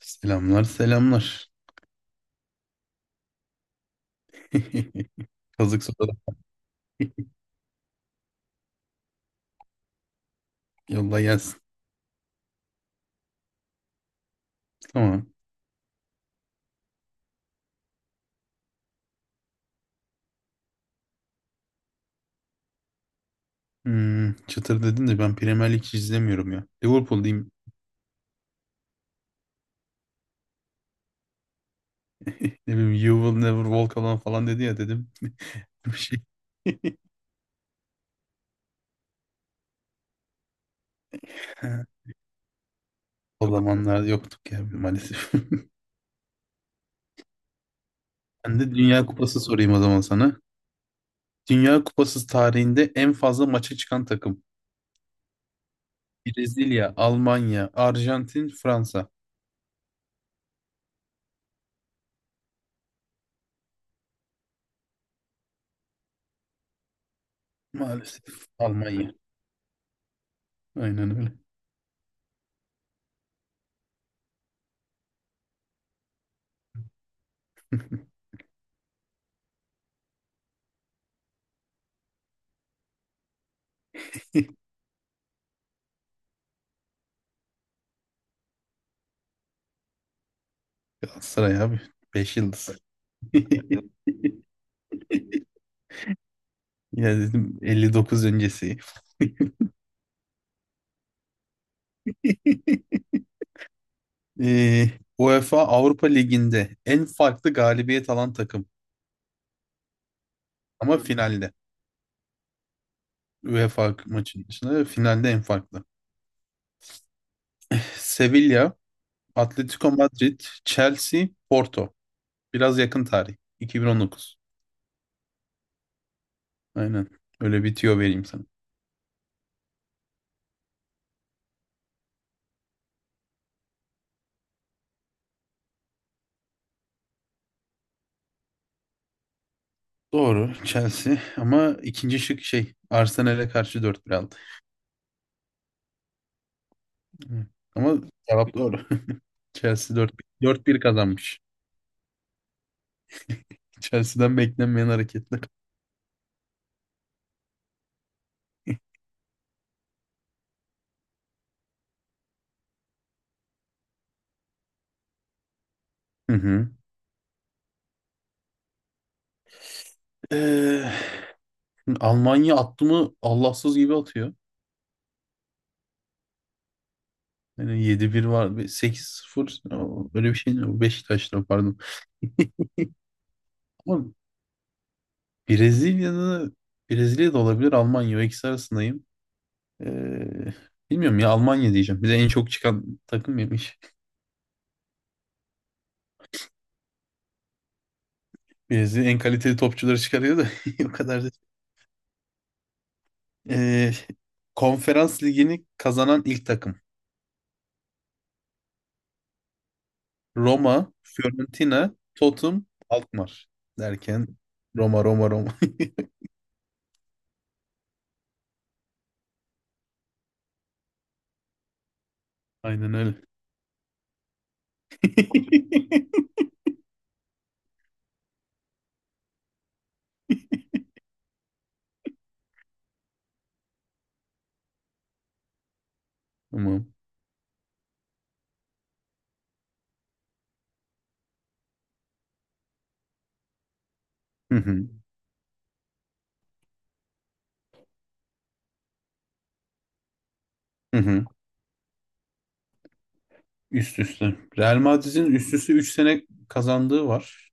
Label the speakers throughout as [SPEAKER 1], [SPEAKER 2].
[SPEAKER 1] Selamlar selamlar. Kazık soda. Yolla gelsin. Tamam. Çıtır dedin de ben Premier Lig hiç izlemiyorum ya. Liverpool diyeyim. Ne bileyim You Will Never Walk Alone falan dedi ya dedim. Bir şey. O zamanlar yoktuk ya maalesef. Ben de Dünya Kupası sorayım o zaman sana. Dünya Kupası tarihinde en fazla maça çıkan takım. Brezilya, Almanya, Arjantin, Fransa. Maalesef Almanya. Aynen öyle. Galatasaray abi. Beş yıldız. Ya dedim 59 öncesi. Ee, UEFA Avrupa Ligi'nde en farklı galibiyet alan takım. Ama finalde. UEFA maçının dışında finalde en farklı. Sevilla, Atletico Madrid, Chelsea, Porto. Biraz yakın tarih. 2019. Aynen. Öyle bir tüyo vereyim sana. Doğru Chelsea ama ikinci şık şey Arsenal'e karşı 4-1 aldı. Hı. Ama cevap doğru. Chelsea 4-1 kazanmış. Chelsea'den beklenmeyen hareketler. Hı hı. Ee, Almanya attı mı Allahsız gibi atıyor. Yani 7-1 var. Sekiz sıfır, öyle bir şey mi? Beşiktaş'ta pardon. Ama Brezilya'da Brezilya'da olabilir Almanya. O ikisi arasındayım. Ee, Bilmiyorum ya Almanya diyeceğim. Bize en çok çıkan takım yemiş. Brezilya en kaliteli topçuları çıkarıyor da o kadar da. Ee, Konferans ligini kazanan ilk takım. Roma, Fiorentina, Tottenham, Alkmaar derken Roma Roma Roma. Aynen öyle. Tamam. Hı hı. Hı hı. Üst üste. Real Madrid'in üst üste 3 sene kazandığı var.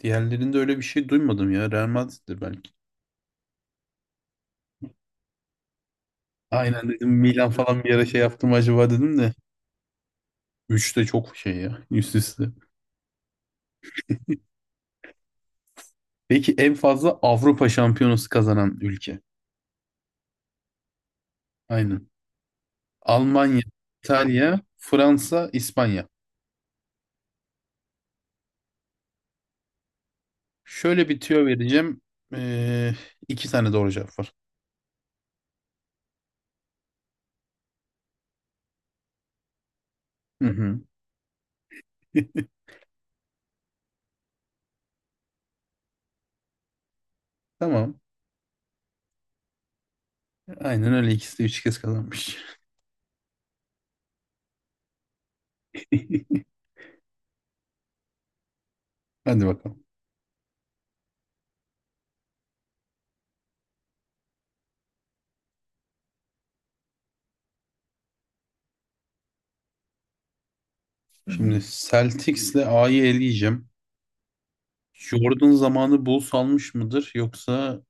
[SPEAKER 1] Diğerlerinde öyle bir şey duymadım ya. Real Madrid'dir belki. Aynen dedim Milan falan bir ara şey yaptım acaba dedim de. 3 de çok şey ya üst üste. Peki en fazla Avrupa Şampiyonası kazanan ülke. Aynen. Almanya, İtalya, Fransa, İspanya. Şöyle bir tüyo vereceğim. Ee, iki tane doğru cevap var. Hı hı. Tamam. Aynen öyle ikisi de üç kez kazanmış. Hadi bakalım. Şimdi Celtics'le A'yı eleyeceğim. Jordan zamanı Bulls almış mıdır yoksa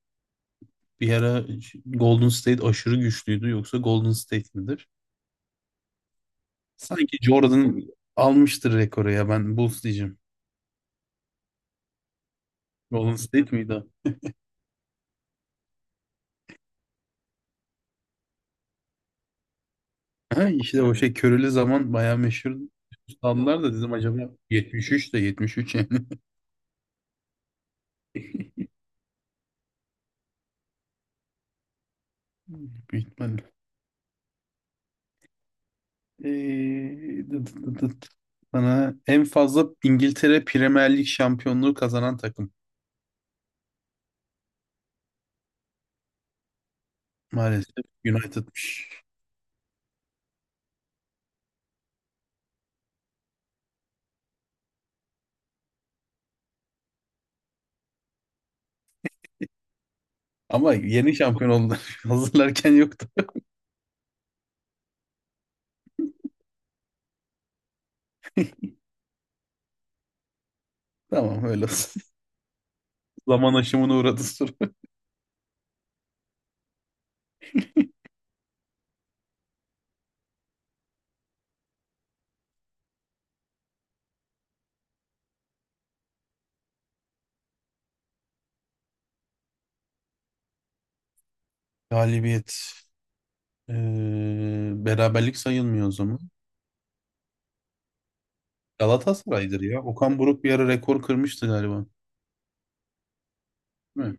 [SPEAKER 1] bir ara Golden State aşırı güçlüydü yoksa Golden State midir? Sanki Jordan almıştır rekoru ya ben Bulls diyeceğim. Golden State miydi o? Ha, işte o şey körülü zaman bayağı meşhur aldılar da dedim acaba 73 de 73 yani. Büyük ihtimalle. Dıt dıt dıt. Bana en fazla İngiltere Premier Lig şampiyonluğu kazanan takım. Maalesef United. Ama yeni şampiyon oldular. Hazırlarken yoktu. Tamam öyle olsun. Zaman aşımına uğradı soru. Galibiyet. Ee, beraberlik sayılmıyor o zaman. Galatasaray'dır ya. Okan Buruk bir ara rekor kırmıştı galiba. Değil mi?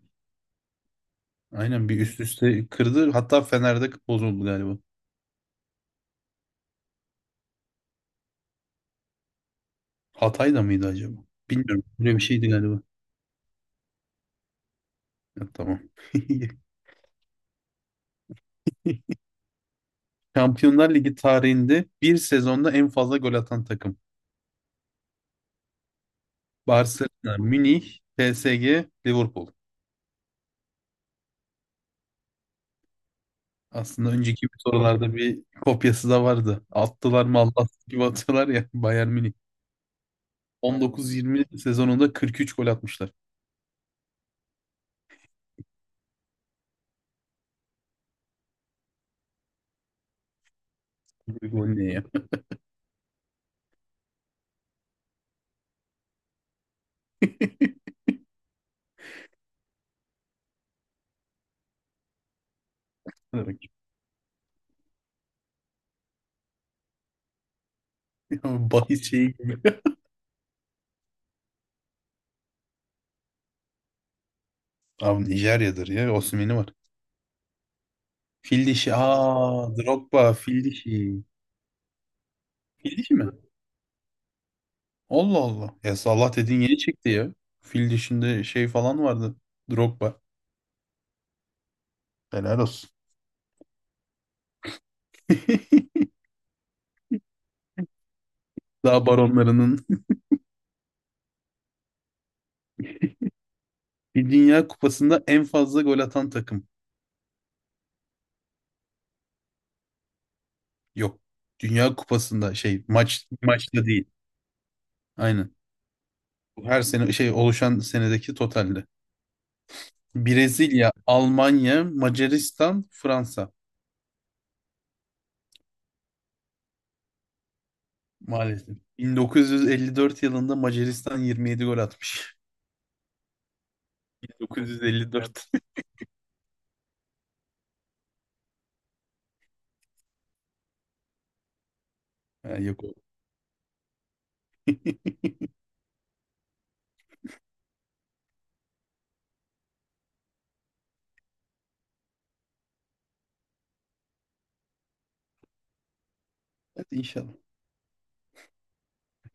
[SPEAKER 1] Aynen bir üst üste kırdı. Hatta Fener'de bozuldu galiba. Hatay'da mıydı acaba? Bilmiyorum. Böyle bir şeydi galiba. Ya, tamam. Şampiyonlar Ligi tarihinde bir sezonda en fazla gol atan takım. Barcelona, Münih, PSG, Liverpool. Aslında önceki bir sorularda bir kopyası da vardı. Attılar mı Allah gibi atıyorlar ya. Bayern Münih. 19-20 sezonunda 43 gol atmışlar. Bir gol ne ya? Bahis şeyi gibi. Abi Nijerya'dır ya. Osimhen'i var. Fil dişi. Aa, Drogba. Fil dişi. Fil dişi mi? Allah Allah. Ya Allah dediğin yeni çıktı ya. Fil dişinde şey falan vardı. Drogba. Helal olsun. Daha baronlarının bir Dünya Kupası'nda en fazla gol atan takım. Yok. Dünya Kupası'nda şey maçta değil. Aynen. Bu her sene şey oluşan senedeki totalde. Brezilya, Almanya, Macaristan, Fransa maalesef. 1954 yılında Macaristan 27 gol atmış. 1954. Ha, yok. Hadi inşallah.